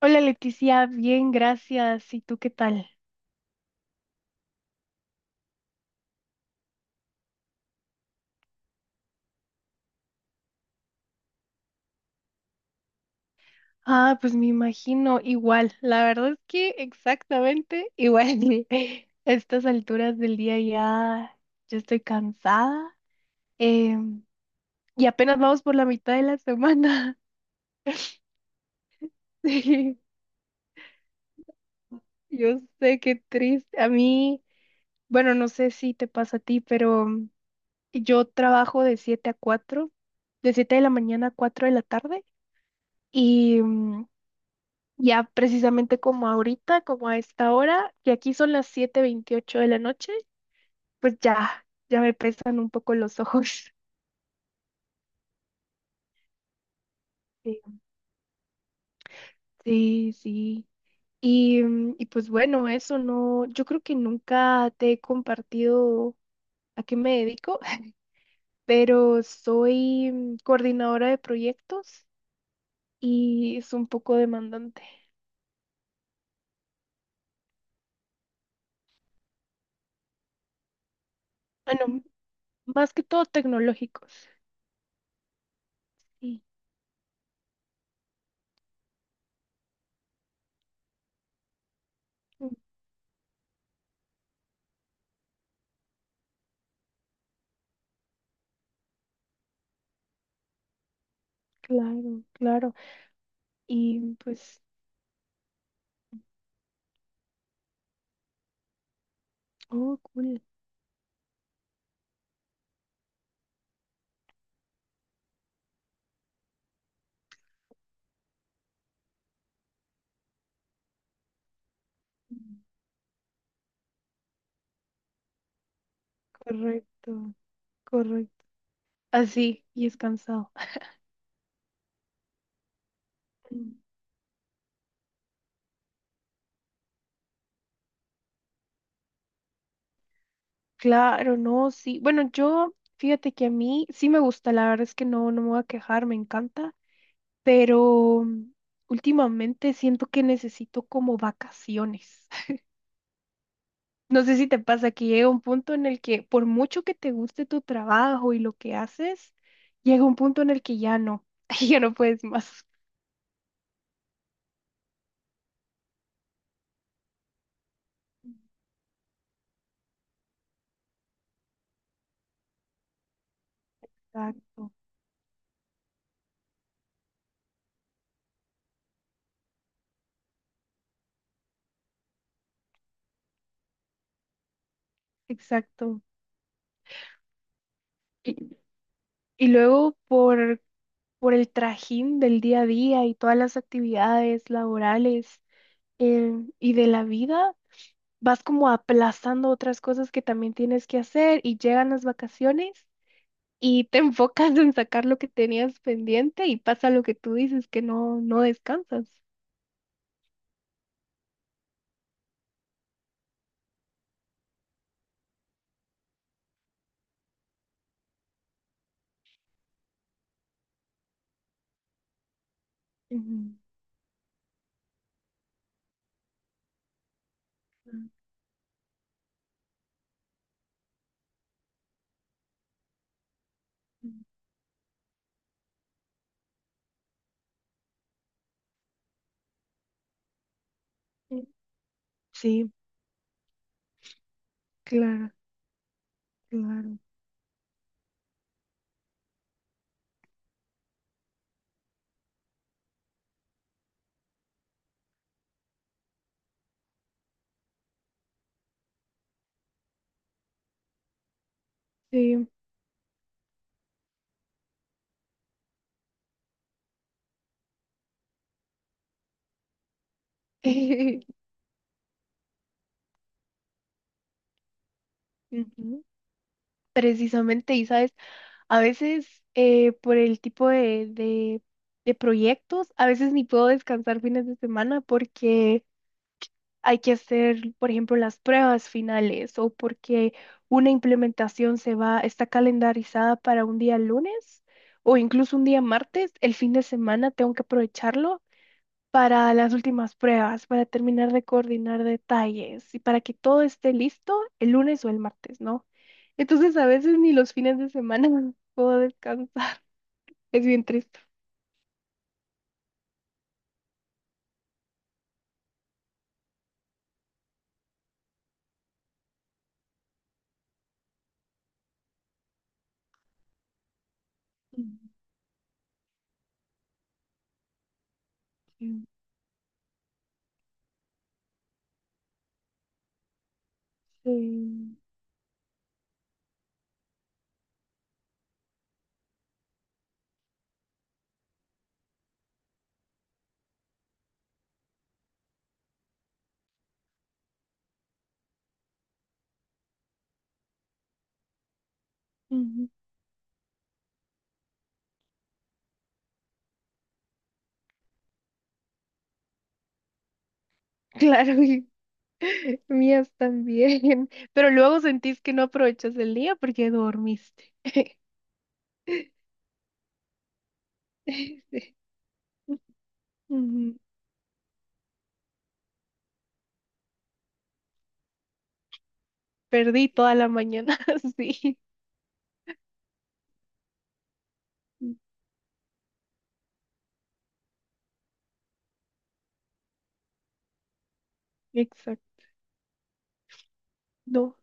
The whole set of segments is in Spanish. Hola Leticia, bien, gracias. ¿Y tú qué tal? Ah, pues me imagino igual. La verdad es que exactamente igual. A estas alturas del día ya estoy cansada. em, y apenas vamos por la mitad de la semana. Sí, yo sé qué triste. A mí, bueno, no sé si te pasa a ti, pero yo trabajo de 7 a 4, de 7 de la mañana a 4 de la tarde. Y mm, Ya precisamente como ahorita, como a esta hora, que aquí son las 7:28 de la noche, pues ya me pesan un poco los ojos. Sí, sí. Sí. Y pues bueno, eso no, yo creo que nunca te he compartido a qué me dedico, pero soy coordinadora de proyectos y es un poco demandante. Bueno, más que todo tecnológicos. Sí, mm, claro, claro. Y pues, oh, cool. Correcto, correcto. Así, y es cansado. Mm. Claro, no, sí. Bueno, yo, fíjate que a mí sí me gusta, la verdad es que no, no me voy a quejar, me encanta, pero últimamente siento que necesito como vacaciones. No sé si te pasa que llega un punto en el que por mucho que te guste tu trabajo y lo que haces, llega un punto en el que ya no, ya no puedes más. Exacto, exacto. Y, y luego por el trajín del día a día y todas las actividades laborales, eh, y de la vida, vas como aplazando otras cosas que también tienes que hacer y llegan las vacaciones y te enfocas en sacar lo que tenías pendiente y pasa lo que tú dices, que no, no descansas. Ujú. Mm, sí, claro, claro. Sí. Ujú. Precisamente, y sabes. A veces, por el tipo de proyectos, a veces ni puedo descansar fines de semana porque hay que hacer, por ejemplo, las pruebas finales o porque una implementación se va, está calendarizada para un día lunes o incluso un día martes. El fin de semana tengo que aprovecharlo para las últimas pruebas, para terminar de coordinar detalles y para que todo esté listo el lunes o el martes, ¿no? Entonces, a veces ni los fines de semana puedo descansar. Es bien triste. Mm. Sí. Ujú. Claro, y mías también. Pero luego sentís que no aprovechas el día porque dormiste. Sí. Ujú. Perdí toda la mañana, sí. Mm. Exacto. No,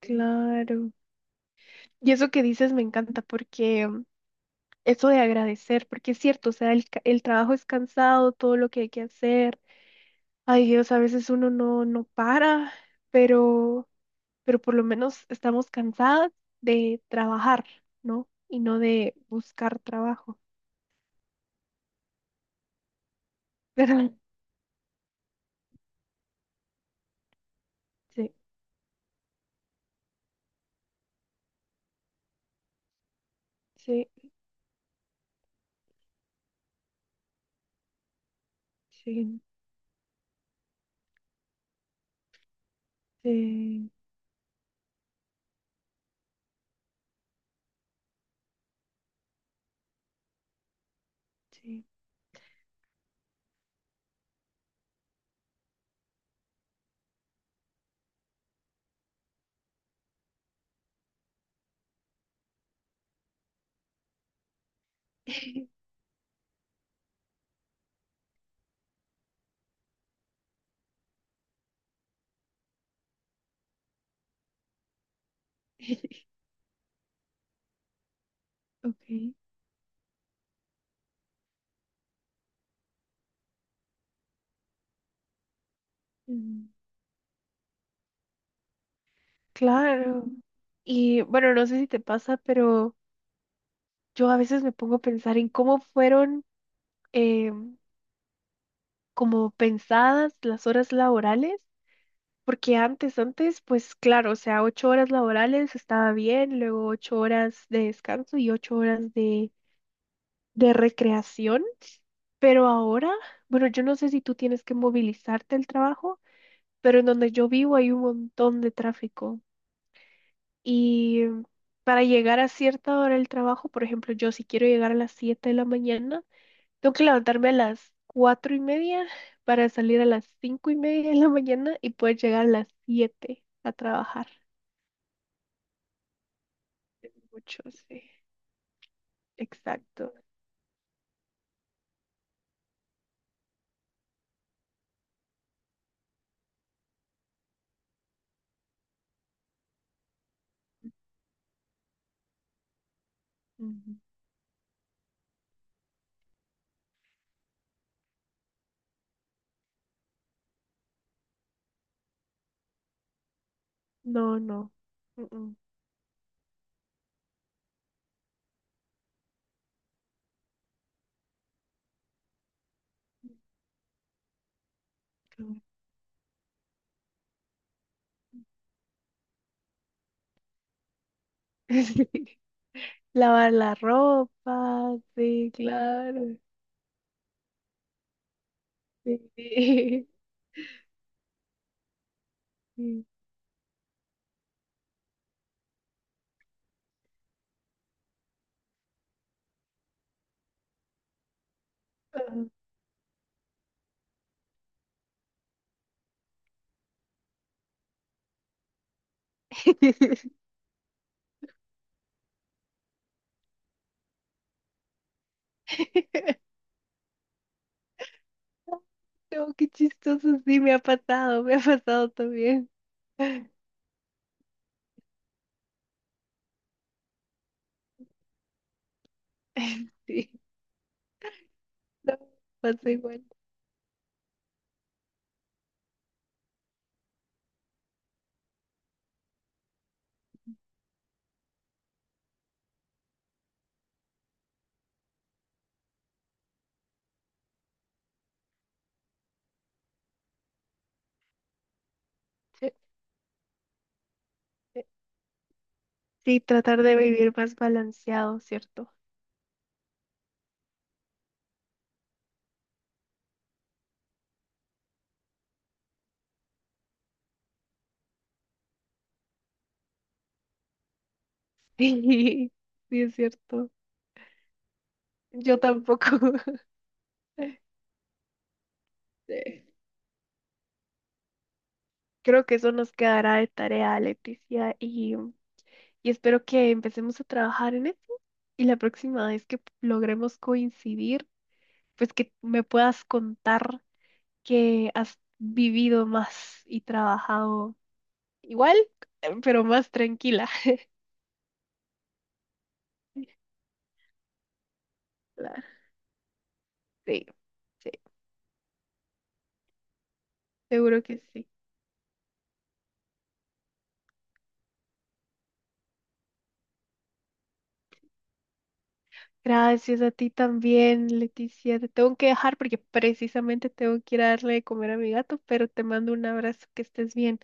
claro. Y eso que dices me encanta porque eso de agradecer, porque es cierto, o sea, el trabajo es cansado, todo lo que hay que hacer. Ay Dios, a veces uno no, no para, pero... pero por lo menos estamos cansadas de trabajar, ¿no? Y no de buscar trabajo. ¿Verdad? Sí, sí, sí, sí, sí. Ok. Mm. Claro. Y bueno, no sé si te pasa, pero yo a veces me pongo a pensar en cómo fueron, eh, como pensadas las horas laborales, porque antes, antes, pues claro, o sea, 8 horas laborales estaba bien, luego 8 horas de descanso y 8 horas de recreación, pero ahora, bueno, yo no sé si tú tienes que movilizarte al trabajo, pero en donde yo vivo hay un montón de tráfico y para llegar a cierta hora del trabajo, por ejemplo, yo si quiero llegar a las 7 de la mañana, tengo que levantarme a las 4:30 para salir a las 5:30 de la mañana y poder llegar a las 7 a trabajar. Mucho, sí, exacto. Ujú. No, no. Mm. Mm. Sí. Lavar la ropa, sí, claro. Sí. Sí. Ah. No, qué chistoso, sí, me ha pasado también. Sí, no, pasa igual. Sí, tratar de vivir más balanceado, ¿cierto? Sí, sí, es cierto. Yo tampoco. Sí. Creo que eso nos quedará de tarea, Leticia, y espero que empecemos a trabajar en eso. Y la próxima vez que logremos coincidir, pues que me puedas contar que has vivido más y trabajado igual, pero más tranquila. Claro, sí, sí, seguro que sí. Gracias a ti también, Leticia. Te tengo que dejar porque precisamente tengo que ir a darle de comer a mi gato, pero te mando un abrazo, que estés bien.